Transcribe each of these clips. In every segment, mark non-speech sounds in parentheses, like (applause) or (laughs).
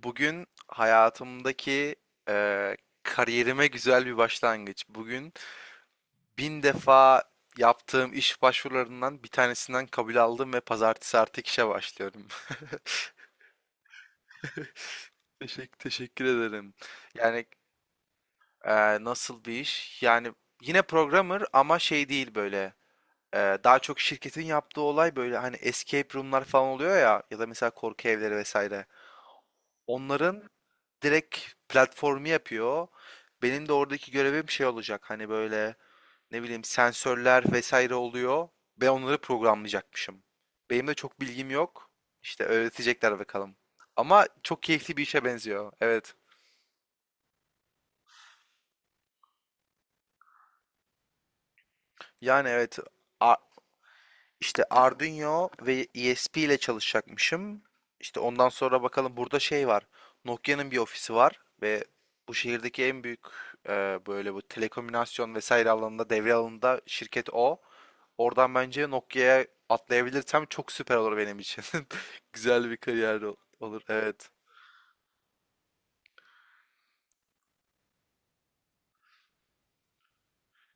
Bugün hayatımdaki eee, kariyerime güzel bir başlangıç. Bugün bin defa yaptığım iş başvurularından bir tanesinden kabul aldım ve pazartesi artık işe başlıyorum. (laughs) Teşekkür ederim. Yani nasıl bir iş? Yani yine programmer ama şey değil böyle. Daha çok şirketin yaptığı olay böyle hani escape room'lar falan oluyor ya ya da mesela korku evleri vesaire. Onların direkt platformu yapıyor. Benim de oradaki görevim şey olacak. Hani böyle ne bileyim sensörler vesaire oluyor. Ben onları programlayacakmışım. Benim de çok bilgim yok. İşte öğretecekler bakalım. Ama çok keyifli bir işe benziyor. Evet. Yani evet. a- İşte Arduino ve ESP ile çalışacakmışım. İşte ondan sonra bakalım burada şey var. Nokia'nın bir ofisi var ve bu şehirdeki en büyük böyle bu telekomünikasyon vesaire alanında devre alanında şirket o. Oradan bence Nokia'ya atlayabilirsem çok süper olur benim için. (laughs) Güzel bir kariyer olur. Evet.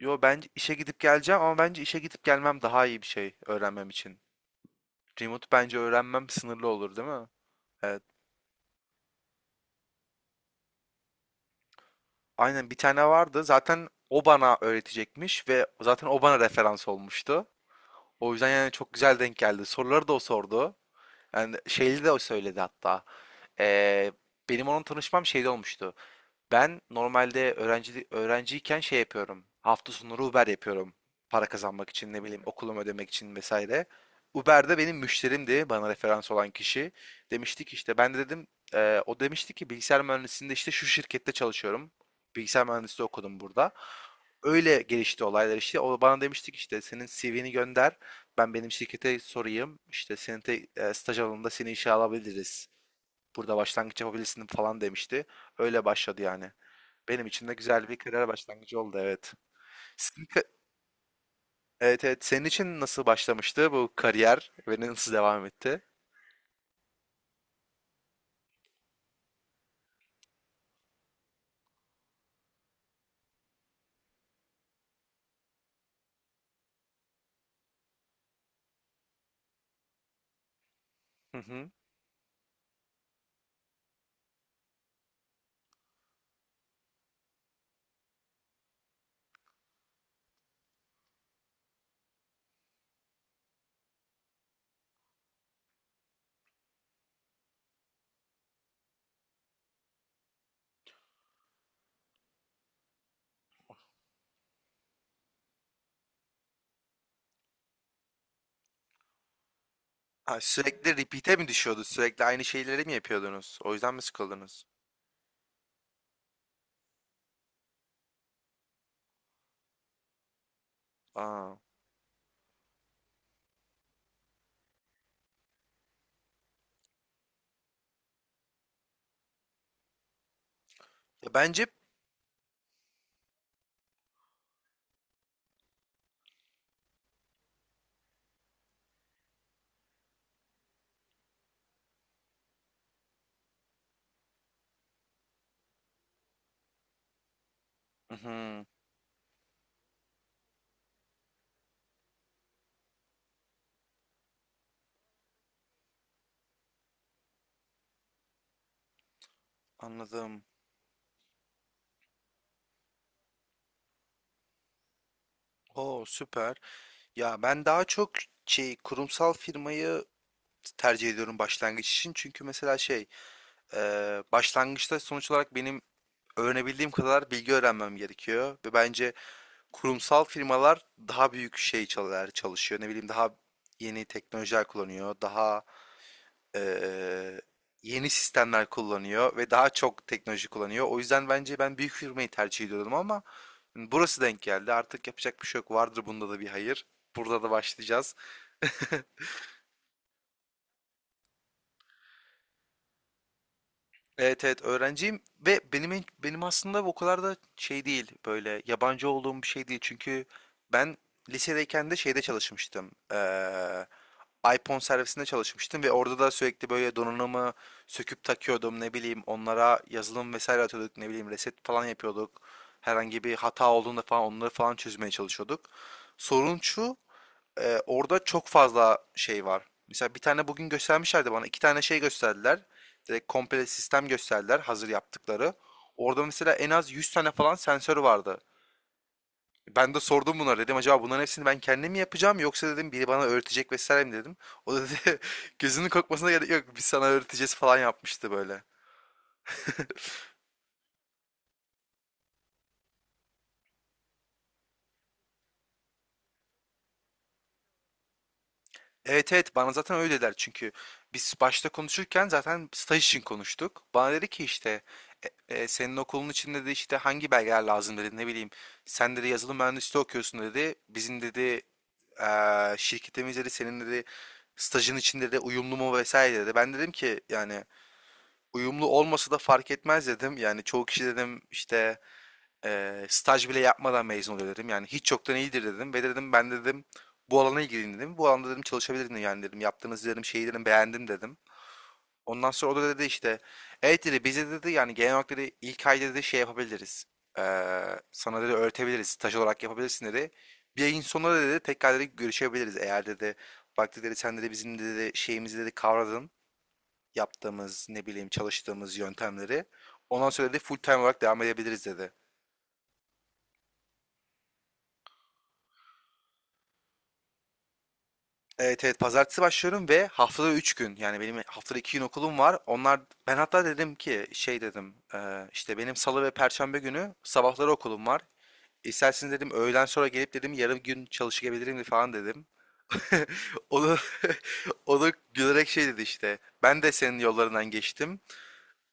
Yo, bence işe gidip geleceğim ama bence işe gidip gelmem daha iyi bir şey öğrenmem için. Remote bence öğrenmem sınırlı olur, değil mi? Evet. Aynen, bir tane vardı. Zaten o bana öğretecekmiş ve zaten o bana referans olmuştu. O yüzden yani çok güzel denk geldi. Soruları da o sordu. Yani şeyli de o söyledi hatta. Ee, Benim onun tanışmam şeyde olmuştu. Ben normalde öğrenciyken şey yapıyorum. Hafta sonları Uber yapıyorum. Para kazanmak için ne bileyim okulumu ödemek için vesaire. Uber'de benim müşterimdi bana referans olan kişi. Demiştik işte ben de dedim o demişti ki bilgisayar mühendisliğinde işte şu şirkette çalışıyorum. Bilgisayar mühendisliği okudum burada. Öyle gelişti olaylar işte. O bana demiştik işte senin CV'ni gönder. Ben benim şirkete sorayım. İşte senin staj alanında seni işe alabiliriz. Burada başlangıç yapabilirsin falan demişti. Öyle başladı yani. Benim için de güzel bir kariyer başlangıcı oldu, evet. Sizin ka- evet, evet, senin için nasıl başlamıştı bu kariyer ve nasıl devam etti? Hı hı. Ha, sürekli repeat'e mi düşüyordu? Sürekli aynı şeyleri mi yapıyordunuz? O yüzden mi sıkıldınız? Aa. Ya bence Mhm, anladım. O süper. Ya ben daha çok şey, kurumsal firmayı tercih ediyorum başlangıç için. Çünkü mesela e, başlangıçta sonuç olarak benim öğrenebildiğim kadar bilgi öğrenmem gerekiyor. Ve bence kurumsal firmalar daha büyük şey çalar, çalışıyor. Ne bileyim daha yeni teknolojiler kullanıyor. Daha eee, yeni sistemler kullanıyor ve daha çok teknoloji kullanıyor. O yüzden bence ben büyük firmayı tercih ediyordum ama burası denk geldi. Artık yapacak bir şey yok. Vardır bunda da bir hayır. Burada da başlayacağız. Evet, evet, öğrenciyim ve benim aslında o kadar da şey değil, böyle yabancı olduğum bir şey değil, çünkü ben lisedeyken de şeyde çalışmıştım. iPhone servisinde çalışmıştım ve orada da sürekli böyle donanımı söküp takıyordum, ne bileyim onlara yazılım vesaire atıyorduk, ne bileyim reset falan yapıyorduk, herhangi bir hata olduğunda falan onları falan çözmeye çalışıyorduk. Sorun şu, orada çok fazla şey var. Mesela bir tane bugün göstermişlerdi bana. İki tane şey gösterdiler. Direkt komple sistem gösterdiler hazır yaptıkları. Orada mesela en az 100 tane falan sensör vardı. Ben de sordum bunlara, dedim acaba bunların hepsini ben kendim mi yapacağım yoksa dedim biri bana öğretecek vesaire mi dedim. O da dedi (laughs) gözünün korkmasına gerek yok, biz sana öğreteceğiz falan yapmıştı böyle. Evet, evet, bana zaten öyle dediler, çünkü biz başta konuşurken zaten staj için konuştuk. Bana dedi ki işte senin okulun içinde de işte hangi belgeler lazım dedi, ne bileyim. Sen dedi yazılım mühendisliği okuyorsun dedi. Bizim dedi şirketimiz dedi senin dedi stajın içinde de uyumlu mu vesaire dedi. Ben dedim ki yani uyumlu olmasa da fark etmez dedim. Yani çoğu kişi dedim işte staj bile yapmadan mezun oluyor dedim. Yani hiç yoktan iyidir dedim ve dedim ben dedim bu alana ilgiliyim dedim. Bu alanda dedim çalışabilirim yani dedim. Yaptığınız dedim şeyi dedim beğendim dedim. Ondan sonra o da dedi işte evet dedi bize dedi yani genel olarak dedi ilk ay dedi şey yapabiliriz. Sana dedi öğretebiliriz. Staj olarak yapabilirsin dedi. Bir ayın sonunda dedi tekrar dedi görüşebiliriz. Eğer dedi bak dedi sen dedi bizim dedi şeyimizi dedi kavradın. Yaptığımız ne bileyim çalıştığımız yöntemleri. Ondan sonra dedi full time olarak devam edebiliriz dedi. Evet, evet, pazartesi başlıyorum ve haftada 3 gün, yani benim haftada 2 gün okulum var. Onlar, ben hatta dedim ki şey dedim işte benim salı ve perşembe günü sabahları okulum var. İsterseniz dedim öğlen sonra gelip dedim yarım gün çalışabilirim falan dedim. O da, (laughs) o da gülerek şey dedi işte ben de senin yollarından geçtim.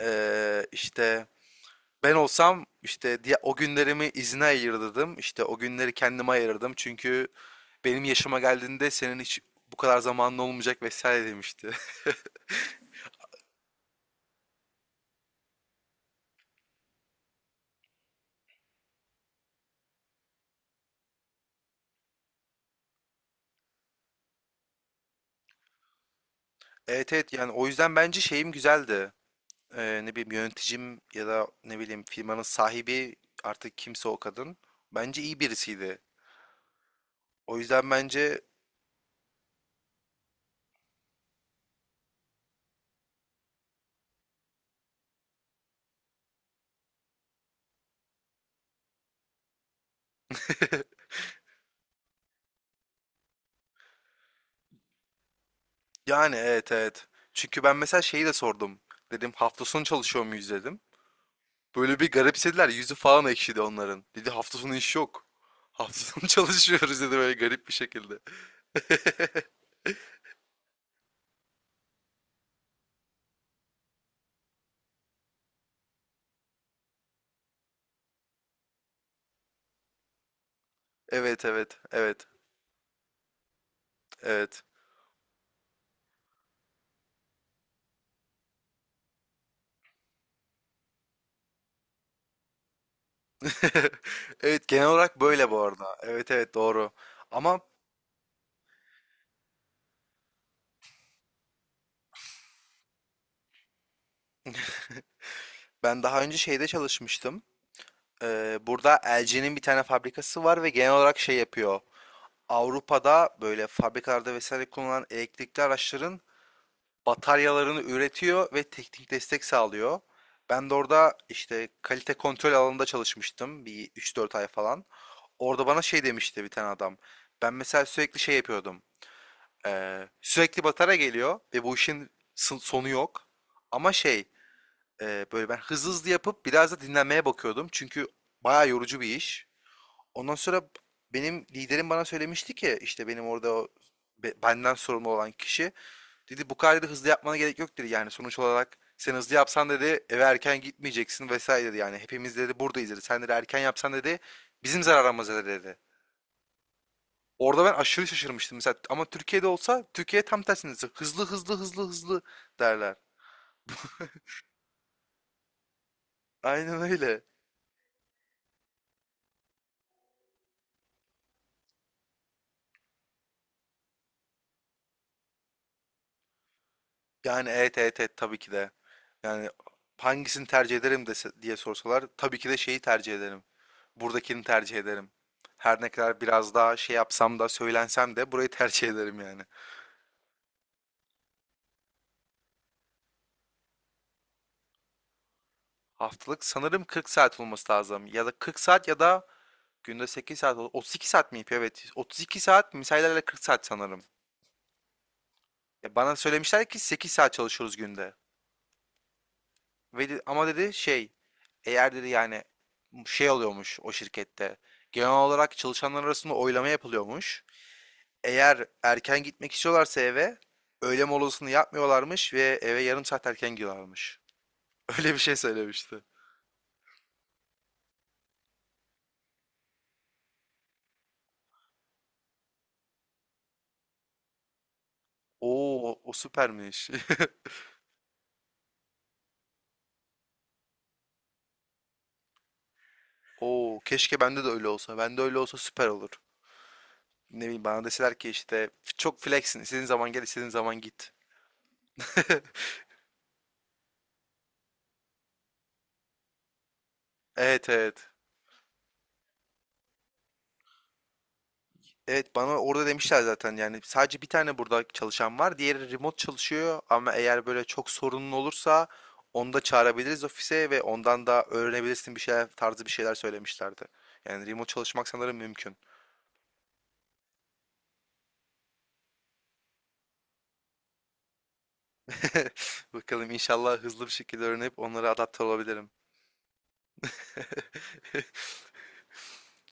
İşte ben olsam işte diye o günlerimi izne ayırırdım. İşte o günleri kendime ayırdım. Çünkü benim yaşıma geldiğinde senin hiç bu kadar zamanın olmayacak vesaire demişti. (laughs) Evet, evet, yani o yüzden bence şeyim güzeldi. Ne bileyim yöneticim ya da ne bileyim firmanın sahibi, artık kimse o kadın. Bence iyi birisiydi. O yüzden bence (laughs) yani evet, evet. Çünkü ben mesela şeyi de sordum. Dedim hafta sonu çalışıyor muyuz dedim. Böyle bir garipsediler. Yüzü falan ekşidi onların. Dedi hafta sonu iş yok. Hafta sonu (laughs) çalışıyoruz dedi böyle garip bir şekilde. Evet, evet, evet, evet. (laughs) Evet, genel olarak böyle bu arada. Evet, evet, doğru. Ama ben daha önce şeyde çalışmıştım. Burada LG'nin bir tane fabrikası var ve genel olarak şey yapıyor. Avrupa'da böyle fabrikalarda vesaire kullanılan elektrikli araçların bataryalarını üretiyor ve teknik destek sağlıyor. Ben de orada işte kalite kontrol alanında çalışmıştım bir üç dört ay falan. Orada bana şey demişti bir tane adam. Ben mesela sürekli şey yapıyordum. Sürekli batarya geliyor ve bu işin sonu yok. Ama şey, böyle ben hızlı hızlı yapıp biraz da dinlenmeye bakıyordum. Çünkü bayağı yorucu bir iş. Ondan sonra benim liderim bana söylemişti ki işte benim orada o benden sorumlu olan kişi. Dedi bu kadar dedi, hızlı yapmana gerek yok dedi, yani sonuç olarak sen hızlı yapsan dedi eve erken gitmeyeceksin vesaire dedi, yani hepimiz dedi buradayız dedi sen dedi erken yapsan dedi bizim zararımıza dedi. Orada ben aşırı şaşırmıştım mesela ama Türkiye'de olsa Türkiye tam tersine hızlı hızlı hızlı hızlı derler. Aynen öyle. Yani evet, evet, evet, tabii ki de. Yani hangisini tercih ederim dese, diye sorsalar tabii ki de şeyi tercih ederim. Buradakini tercih ederim. Her ne kadar biraz daha şey yapsam da söylensem de burayı tercih ederim yani. Haftalık sanırım 40 saat olması lazım. Ya da 40 saat, ya da günde 8 saat. 32 saat mi yapıyor? Evet. 32 saat misailerle 40 saat sanırım. Ya bana söylemişler ki 8 saat çalışıyoruz günde. Ama dedi şey, eğer dedi yani şey oluyormuş o şirkette. Genel olarak çalışanlar arasında oylama yapılıyormuş. Eğer erken gitmek istiyorlarsa eve öğle molasını yapmıyorlarmış ve eve yarım saat erken gidiyorlarmış. (laughs) Öyle bir şey söylemişti. Oo, o süpermiş. (laughs) Oo, keşke bende de öyle olsa. Bende öyle olsa süper olur. Ne bileyim bana deseler ki işte çok flexsin. İstediğin zaman gel, istediğin zaman git. (laughs) Evet, evet. Evet, bana orada demişler zaten, yani sadece bir tane burada çalışan var. Diğeri remote çalışıyor ama eğer böyle çok sorunun olursa onu da çağırabiliriz ofise ve ondan da öğrenebilirsin bir şeyler tarzı bir şeyler söylemişlerdi. Yani remote çalışmak sanırım mümkün. (laughs) Bakalım inşallah hızlı bir şekilde öğrenip onlara adapte olabilirim.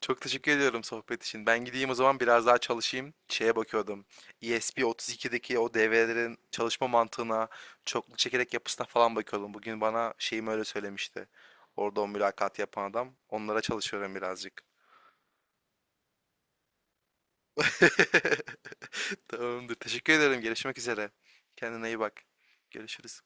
Çok teşekkür ediyorum sohbet için. Ben gideyim o zaman, biraz daha çalışayım. Şeye bakıyordum. ESP32'deki o devrelerin çalışma mantığına, çokluk çekerek yapısına falan bakıyordum. Bugün bana şeyim öyle söylemişti. Orada o mülakat yapan adam. Onlara çalışıyorum birazcık. (laughs) Tamamdır. Teşekkür ederim. Görüşmek üzere. Kendine iyi bak. Görüşürüz.